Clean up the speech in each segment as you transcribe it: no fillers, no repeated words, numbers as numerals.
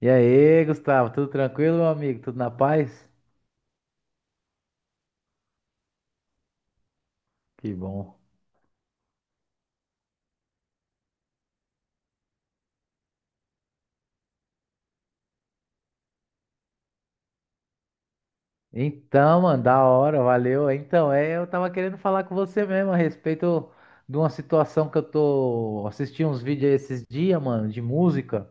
E aí, Gustavo, tudo tranquilo, meu amigo? Tudo na paz? Que bom. Então, mano, da hora, valeu. Então, eu tava querendo falar com você mesmo a respeito de uma situação que eu tô assistindo uns vídeos esses dias, mano, de música.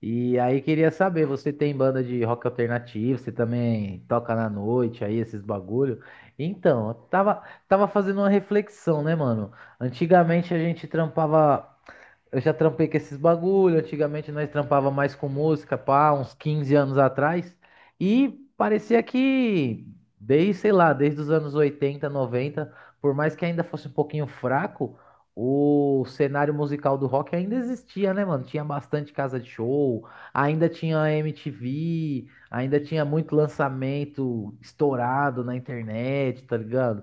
E aí queria saber, você tem banda de rock alternativo, você também toca na noite aí, esses bagulho? Então, eu tava fazendo uma reflexão, né, mano? Antigamente a gente trampava. Eu já trampei com esses bagulho. Antigamente nós trampava mais com música, pá, uns 15 anos atrás. E parecia que, desde, sei lá, desde os anos 80, 90, por mais que ainda fosse um pouquinho fraco, o cenário musical do rock ainda existia, né, mano? Tinha bastante casa de show, ainda tinha MTV, ainda tinha muito lançamento estourado na internet, tá ligado?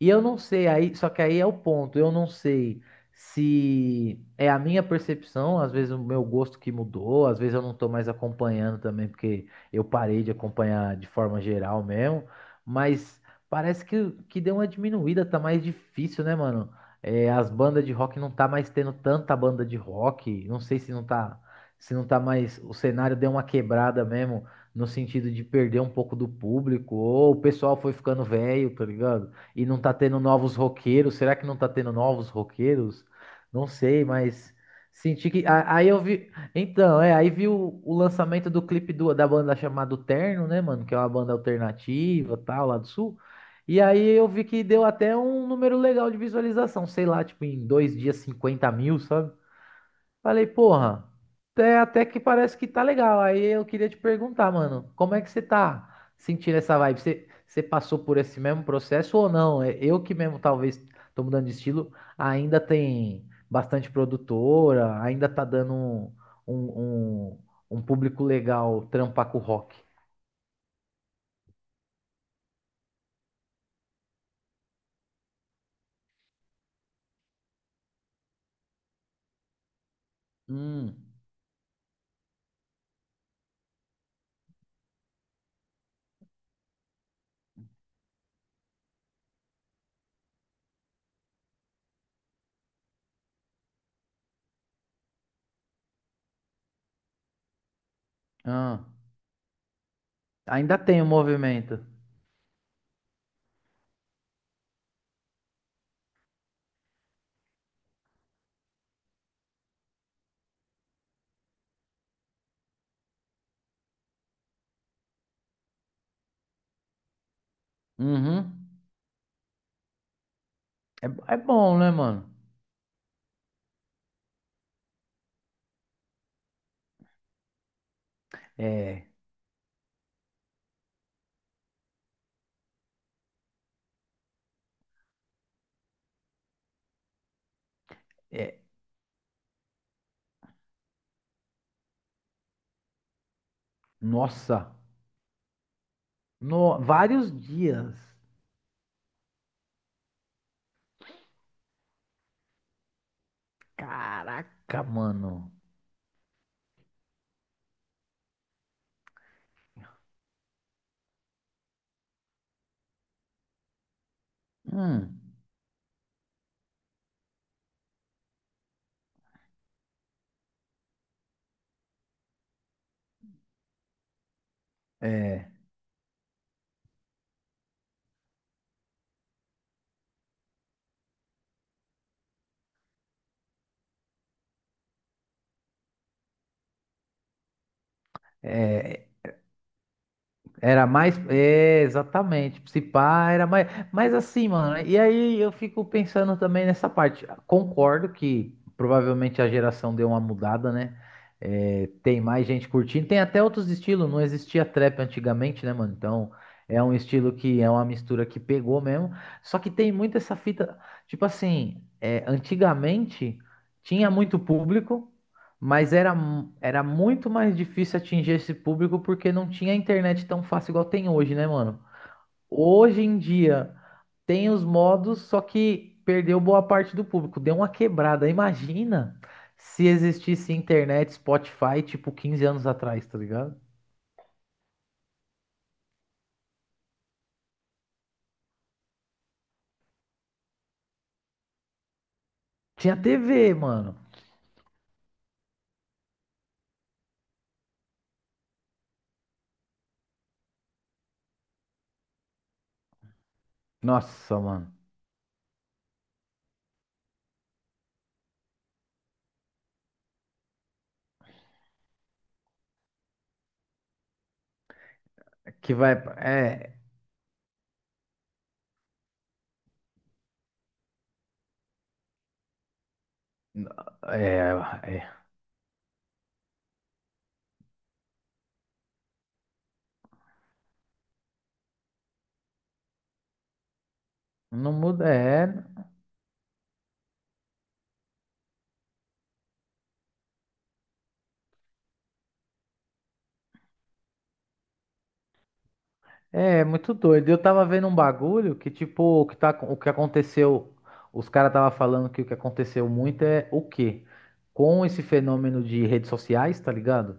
E eu não sei, aí, só que aí é o ponto, eu não sei se é a minha percepção, às vezes o meu gosto que mudou, às vezes eu não tô mais acompanhando também, porque eu parei de acompanhar de forma geral mesmo, mas parece que deu uma diminuída, tá mais difícil, né, mano? É, as bandas de rock não tá mais tendo tanta banda de rock, não sei se não tá, se não tá mais, o cenário deu uma quebrada mesmo, no sentido de perder um pouco do público, ou o pessoal foi ficando velho, tá ligado? E não tá tendo novos roqueiros. Será que não tá tendo novos roqueiros? Não sei, mas senti que. Aí eu vi. Então, aí vi o lançamento do clipe da banda chamada Terno, né, mano? Que é uma banda alternativa, tal, lá do sul. E aí eu vi que deu até um número legal de visualização, sei lá, tipo, em 2 dias 50 mil, sabe? Falei, porra, até que parece que tá legal. Aí eu queria te perguntar, mano, como é que você tá sentindo essa vibe? Você passou por esse mesmo processo ou não? É, eu que mesmo talvez tô mudando de estilo, ainda tem bastante produtora, ainda tá dando um, um, um público legal trampar com o rock. Hum. Ah, ainda tem o movimento. Uhum. É, é bom, né, mano? É, é, nossa, vários dias. Caraca, mano. Hum, é, é, era mais, exatamente, se pá, era mais, mas assim, mano, e aí eu fico pensando também nessa parte. Concordo que provavelmente a geração deu uma mudada, né? É, tem mais gente curtindo, tem até outros estilos, não existia trap antigamente, né, mano? Então, é um estilo que é uma mistura que pegou mesmo. Só que tem muito essa fita, tipo assim, antigamente tinha muito público. Mas era muito mais difícil atingir esse público porque não tinha internet tão fácil igual tem hoje, né, mano? Hoje em dia tem os modos, só que perdeu boa parte do público, deu uma quebrada. Imagina se existisse internet, Spotify, tipo 15 anos atrás, tá ligado? Tinha TV, mano. Nossa, mano. Que vai. É. É. É. Não muda. É. É, muito doido. Eu tava vendo um bagulho que, tipo, o que aconteceu, os caras tava falando que o que aconteceu muito é o quê? Com esse fenômeno de redes sociais, tá ligado?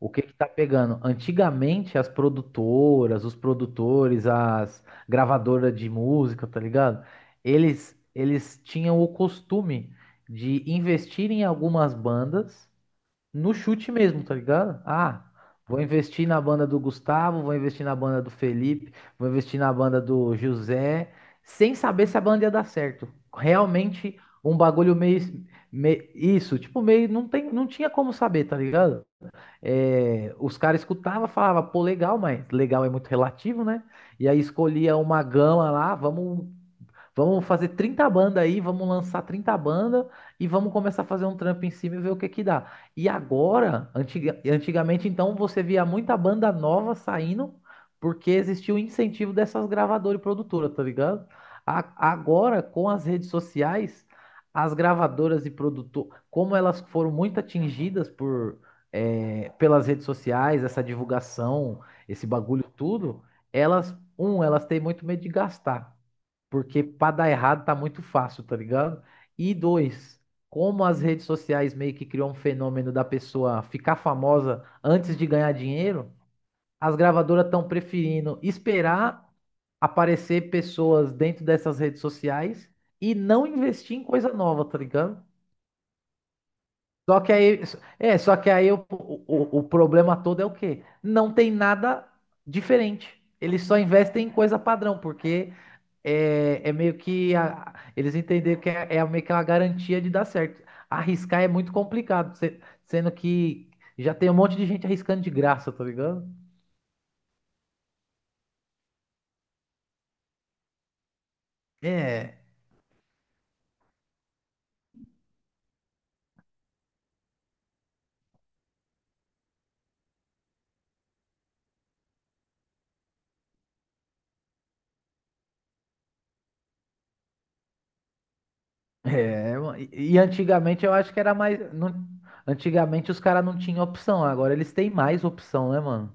O que que tá pegando? Antigamente, as produtoras, os produtores, as gravadoras de música, tá ligado? Eles tinham o costume de investir em algumas bandas no chute mesmo, tá ligado? Ah, vou investir na banda do Gustavo, vou investir na banda do Felipe, vou investir na banda do José, sem saber se a banda ia dar certo. Realmente um bagulho meio, isso, tipo, meio não tem, não tinha como saber, tá ligado? É, os caras escutavam, falava, pô, legal, mas legal é muito relativo, né? E aí escolhia uma gama lá, vamos fazer 30 bandas aí, vamos lançar 30 bandas e vamos começar a fazer um trampo em cima e ver o que que dá. E agora, antigamente então, você via muita banda nova saindo porque existia o incentivo dessas gravadoras e produtoras, tá ligado? Agora, com as redes sociais, as gravadoras e produtoras, como elas foram muito atingidas pelas redes sociais, essa divulgação, esse bagulho tudo, elas têm muito medo de gastar. Porque pra dar errado tá muito fácil, tá ligado? E dois, como as redes sociais meio que criou um fenômeno da pessoa ficar famosa antes de ganhar dinheiro, as gravadoras estão preferindo esperar aparecer pessoas dentro dessas redes sociais e não investir em coisa nova, tá ligado? Só que aí, só que aí o problema todo é o quê? Não tem nada diferente. Eles só investem em coisa padrão, porque é meio que eles entenderam que é meio que uma garantia de dar certo. Arriscar é muito complicado, sendo que já tem um monte de gente arriscando de graça, tá ligado? É, é, mano, e antigamente eu acho que era mais. Antigamente os caras não tinham opção, agora eles têm mais opção, né, mano?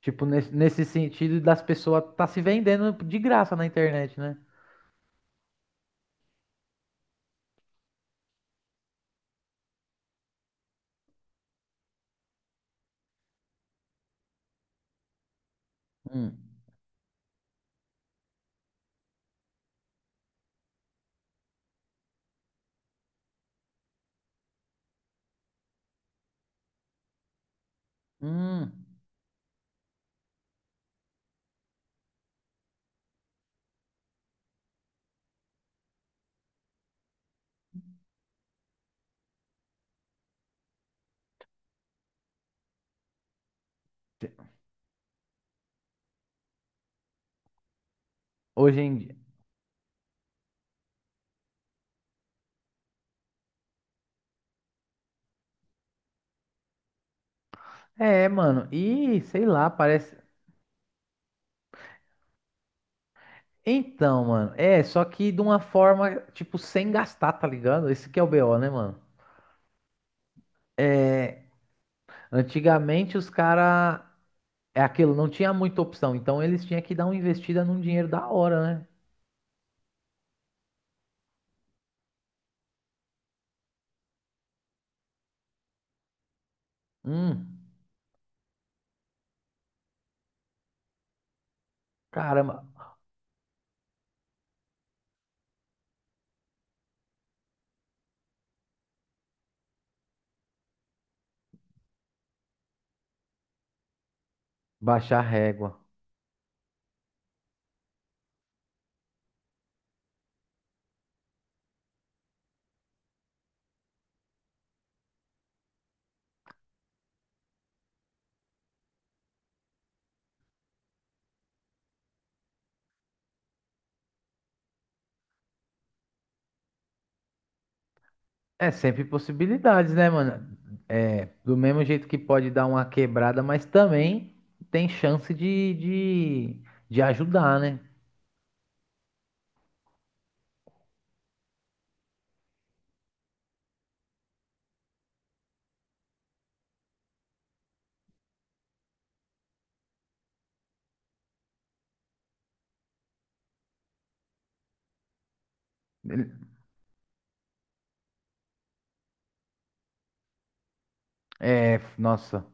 Tipo, nesse sentido das pessoas tá se vendendo de graça na internet, né? Hum. Hum. Hoje em dia. É, mano, e sei lá, parece. Então, mano, só que de uma forma, tipo, sem gastar, tá ligado? Esse que é o BO, né, mano? Antigamente os caras, é aquilo, não tinha muita opção, então eles tinham que dar uma investida num dinheiro da hora, né? Hum, caramba, baixar a régua. É, sempre possibilidades, né, mano? É, do mesmo jeito que pode dar uma quebrada, mas também tem chance de, de ajudar, né? É, nossa.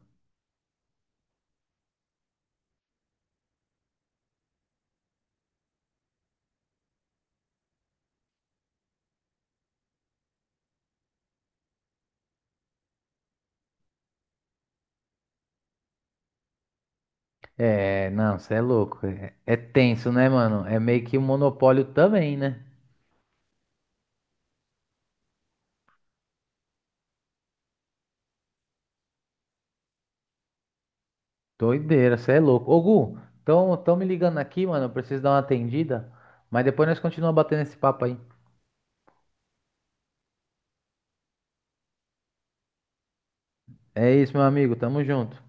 É, não, você é louco. É, é tenso, né, mano? É meio que um monopólio também, né? Doideira, você é louco. Ô, Gu, tão me ligando aqui, mano. Eu preciso dar uma atendida. Mas depois nós continuamos batendo esse papo aí. É isso, meu amigo. Tamo junto.